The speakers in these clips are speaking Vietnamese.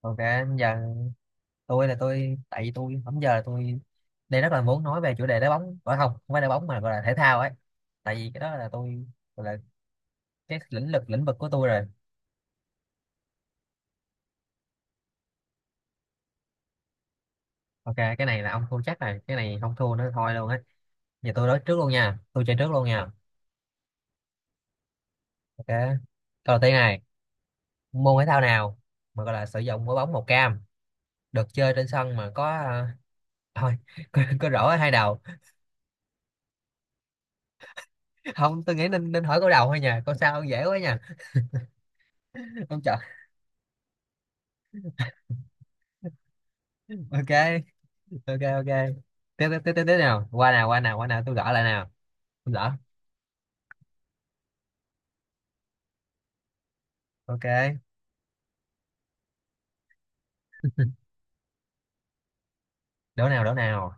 OK, giờ tôi tại vì tôi bấm giờ là tôi đây rất là muốn nói về chủ đề đá bóng, gọi không, không phải đá bóng mà gọi là thể thao ấy, tại vì cái đó là tôi gọi là cái lĩnh vực của tôi rồi. OK, cái này là ông thua chắc này, cái này không thua nữa thôi luôn á. Giờ tôi nói trước luôn nha, tôi chơi trước luôn nha. OK, câu đầu tiên này, môn thể thao nào mà gọi là sử dụng quả bóng màu cam, được chơi trên sân mà có thôi có rổ ở hai đầu. Không, tôi nghĩ nên nên hỏi câu đầu thôi nha, câu sau dễ quá nha. Ông chọn. OK, OK, OK. Tiếp tiếp tiếp tiếp tiếp nào, qua nào qua nào qua nào, tôi gõ lại nào. Tôi gõ. OK, đố nào đố nào.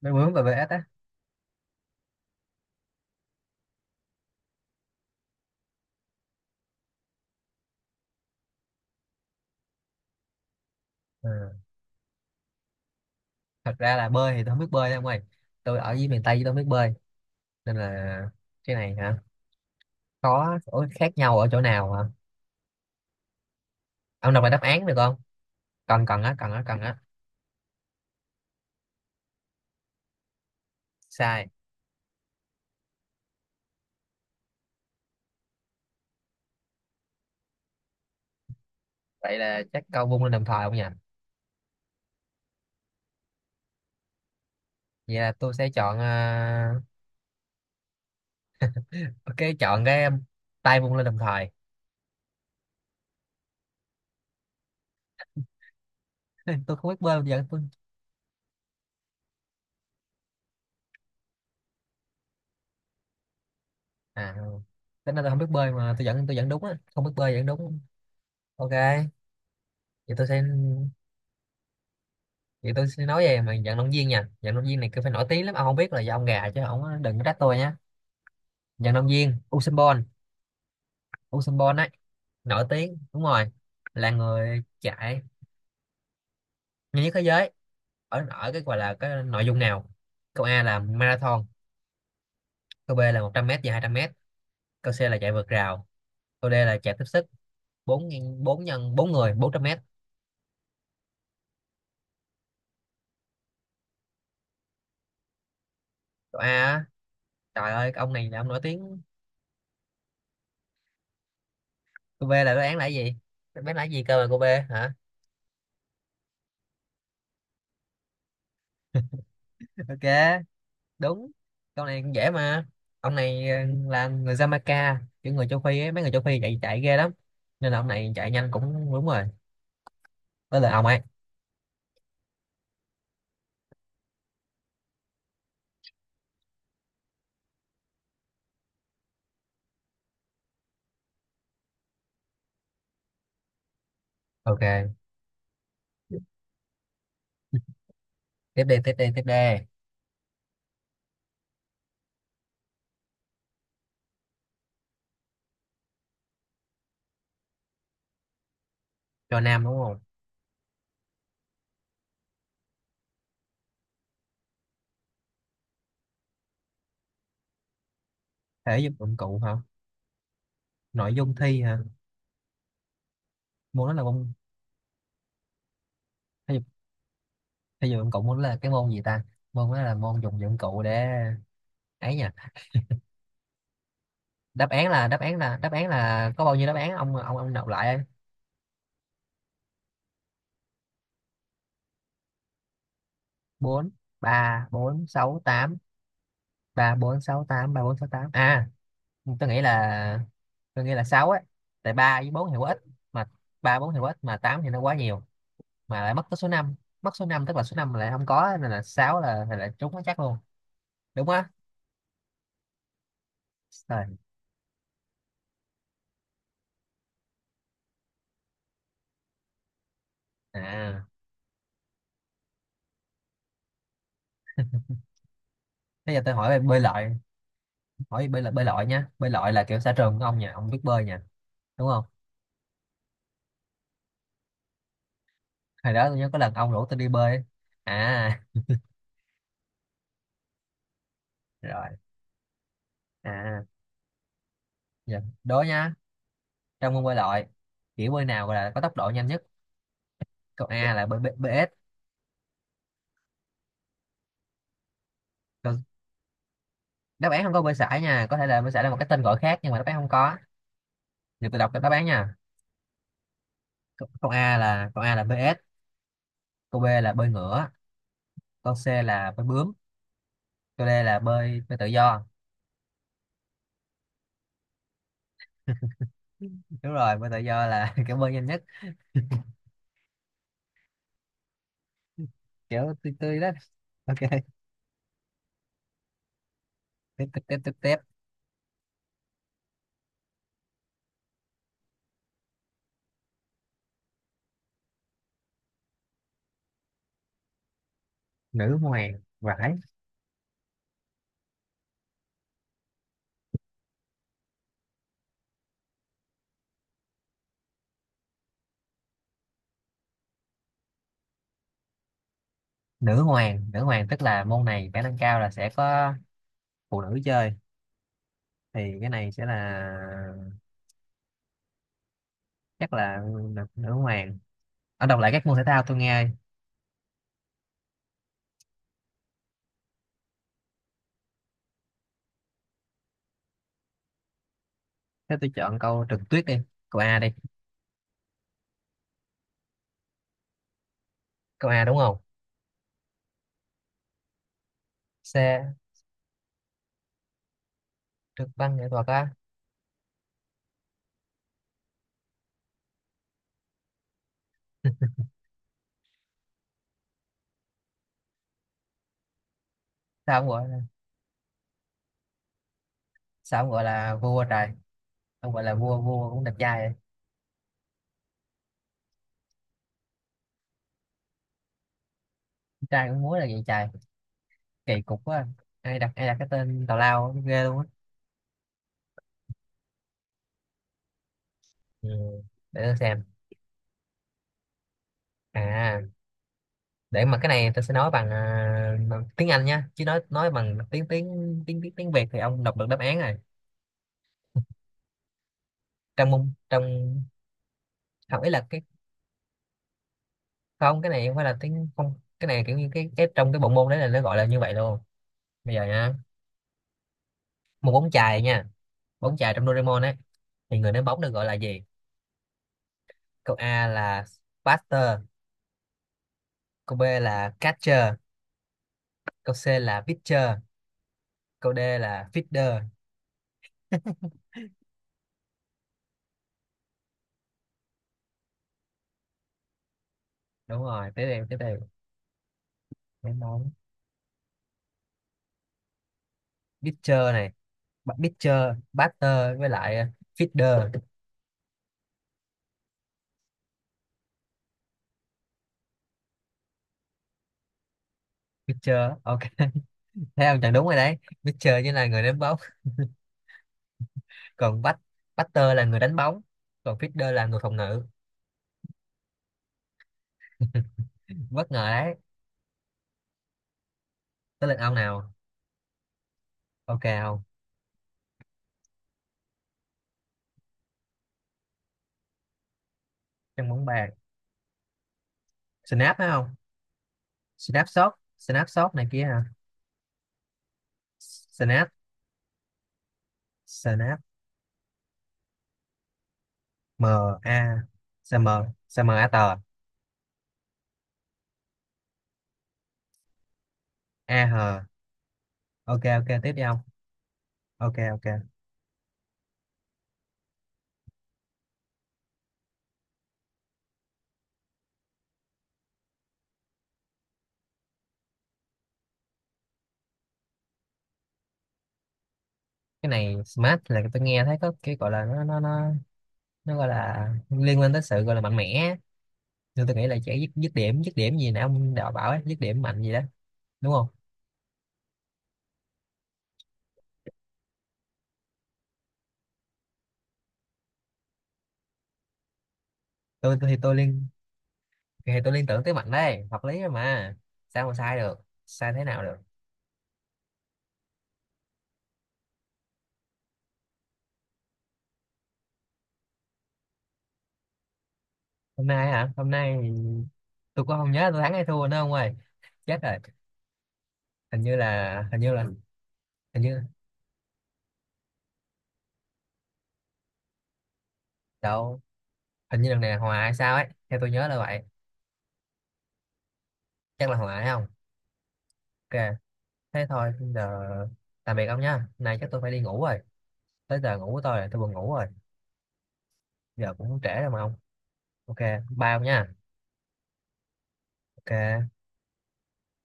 Đố bướm và vs á. Ờ, thật ra là bơi thì tôi không biết bơi đâu ông ơi, tôi ở dưới miền Tây chứ tôi không biết bơi, nên là cái này hả, có. Ủa, khác nhau ở chỗ nào hả? Ông đọc lại đáp án được không? Cần cần á, cần á, cần á. Sai. Vậy là chắc câu vung lên đồng thời không nhỉ. Vậy là tôi sẽ chọn OK, chọn cái tay vung lên đồng thời. Tôi không biết bơi, tôi giờ tôi. À, tính ra tôi không biết bơi mà tôi vẫn đúng á, không biết bơi vẫn đúng. OK, vậy tôi sẽ vậy tôi sẽ nói về mà vận động viên nha, vận động viên này cứ phải nổi tiếng lắm, ông không biết là do ông gà chứ ông đừng có trách tôi nhé. Vận động viên Usain Bolt, Usain Bolt ấy, nổi tiếng đúng rồi, là người chạy nhanh nhất thế giới ở ở cái gọi là cái nội dung nào. Câu A là marathon, câu B là 100 m và 200 m, câu C là chạy vượt rào, câu D là chạy tiếp sức 4, 4 nhân 4 người 400 m. Câu A á, trời ơi cái ông này là ông nổi tiếng. Câu B là đáp án là cái gì, đáp án là cái gì cơ mà câu B? Hả? OK, đúng. Câu này cũng dễ mà. Ông này là người Jamaica, những người châu Phi ấy, mấy người châu Phi chạy chạy ghê lắm, nên là ông này chạy nhanh cũng đúng rồi. Với lại ông ấy. OK, tiếp đi tiếp đi tiếp đi. Cho nam, đúng không? Thể dục dụng cụ hả? Nội dung thi hả? Môn đó là môn thể dục, thể dục dụng cụ. Môn đó là cái môn gì ta, môn đó là môn dùng dụng cụ để ấy nha. Đáp án là, đáp án là, đáp án là có bao nhiêu đáp án, ông đọc lại. Bốn, ba bốn sáu tám, ba bốn sáu tám, ba bốn sáu tám à. Tôi nghĩ là tôi nghĩ là 6 á, tại 3 với 4 thì quá ít, mà 3 4 thì quá ít mà 8 thì nó quá nhiều, mà lại mất tới số năm, mất số 5 tức là số 5 lại không có, nên là 6 là là trúng nó chắc luôn. Đúng á. Rồi. À, bây giờ tôi hỏi về bơi lội, hỏi bơi lội, bơi lội nha. Bơi lội là kiểu xã trường của ông nha, ông biết bơi nha, đúng không? Hồi đó tôi nhớ có lần ông rủ tôi đi bơi ấy. À. Rồi. À, giờ đố nha. Trong môn bơi lội, kiểu bơi nào là có tốc độ nhanh nhất? Câu A là bơi BS. Câu- đáp án không có bơi sải nha, có thể là bơi sải là một cái tên gọi khác nhưng mà đáp án không có. Giờ tôi đọc đáp án nha. Câu, A là, câu A là bơi ếch, câu B là bơi ngửa, câu C là bơi bướm, câu D là bơi bơi tự do. Đúng rồi, bơi tự do là kiểu bơi nhanh nhất. Kiểu tươi tươi đó. OK, tiếp tiếp tiếp tiếp tiếp. Nữ hoàng vải. Nữ hoàng, nữ hoàng tức là môn này khả năng cao là sẽ có phụ nữ chơi, thì cái này sẽ là, chắc là nữ, nữ hoàng ở. Đọc lại các môn thể thao tôi nghe. Thế tôi chọn câu trượt tuyết đi, câu A đi. Câu A đúng không? C. Trượt băng nghệ thuật á. Sao không gọi, sao ông gọi là vua trời, ông gọi là vua, vua cũng đẹp trai vậy. Trai cũng múa là vậy trời, kỳ cục quá. Ai đặt, ai đặt cái tên tào lao á, ghê luôn á. Ừ, để tôi xem. À, để mà cái này tôi sẽ nói bằng bằng tiếng Anh nhá, chứ nói bằng tiếng tiếng tiếng tiếng tiếng Việt thì ông đọc được đáp án rồi. Trong môn trong. Không, ý là cái, không, cái này không phải là tiếng, không. Cái này kiểu như cái trong cái bộ môn đấy là nó gọi là như vậy luôn. Bây giờ nha, một bóng chày nha, bóng chày trong Doraemon ấy, thì người ném bóng được gọi là gì? Câu A là Buster, câu B là catcher, câu C là pitcher, câu D là fielder. Đúng rồi, tiếp theo tiếp theo. Cái món pitcher này, pitcher, batter với lại fielder. Pitcher. OK. Thấy không? Chẳng đúng rồi đấy. Pitcher chính là người ném bóng, còn batter là người đánh bóng, còn fielder là người phòng ngự. Bất ngờ đấy. Tới lượt ông nào. OK không? Trong bóng bàn. Snap phải không? Snap shot, snap shot này kia hả? Snap, snap. M A, S M, S M A T, A H. OK OK, tiếp đi ông. OK OK. Cái này smart là tôi nghe thấy có cái gọi là nó gọi là liên quan tới sự gọi là mạnh mẽ, nhưng tôi nghĩ là sẽ dứt dứt điểm gì nè, ông đạo bảo ấy, dứt điểm mạnh gì đó, đúng không? Tôi, tôi thì tôi liên Thì tôi liên tưởng tới mạnh đấy, hợp lý rồi mà, sao mà sai được, sai thế nào được. Hôm nay hả, hôm nay tôi cũng không nhớ tôi thắng hay thua nữa ông ơi, chết rồi. Hình như là hình như là hình như đâu, hình như lần này là hòa hay sao ấy, theo tôi nhớ là vậy, chắc là hòa hay không. OK, thế thôi giờ, tạm biệt ông nha, nay chắc tôi phải đi ngủ rồi, tới giờ ngủ của tôi rồi, tôi buồn ngủ rồi. Giờ cũng trễ rồi mà ông. OK, bye ông nha. OK.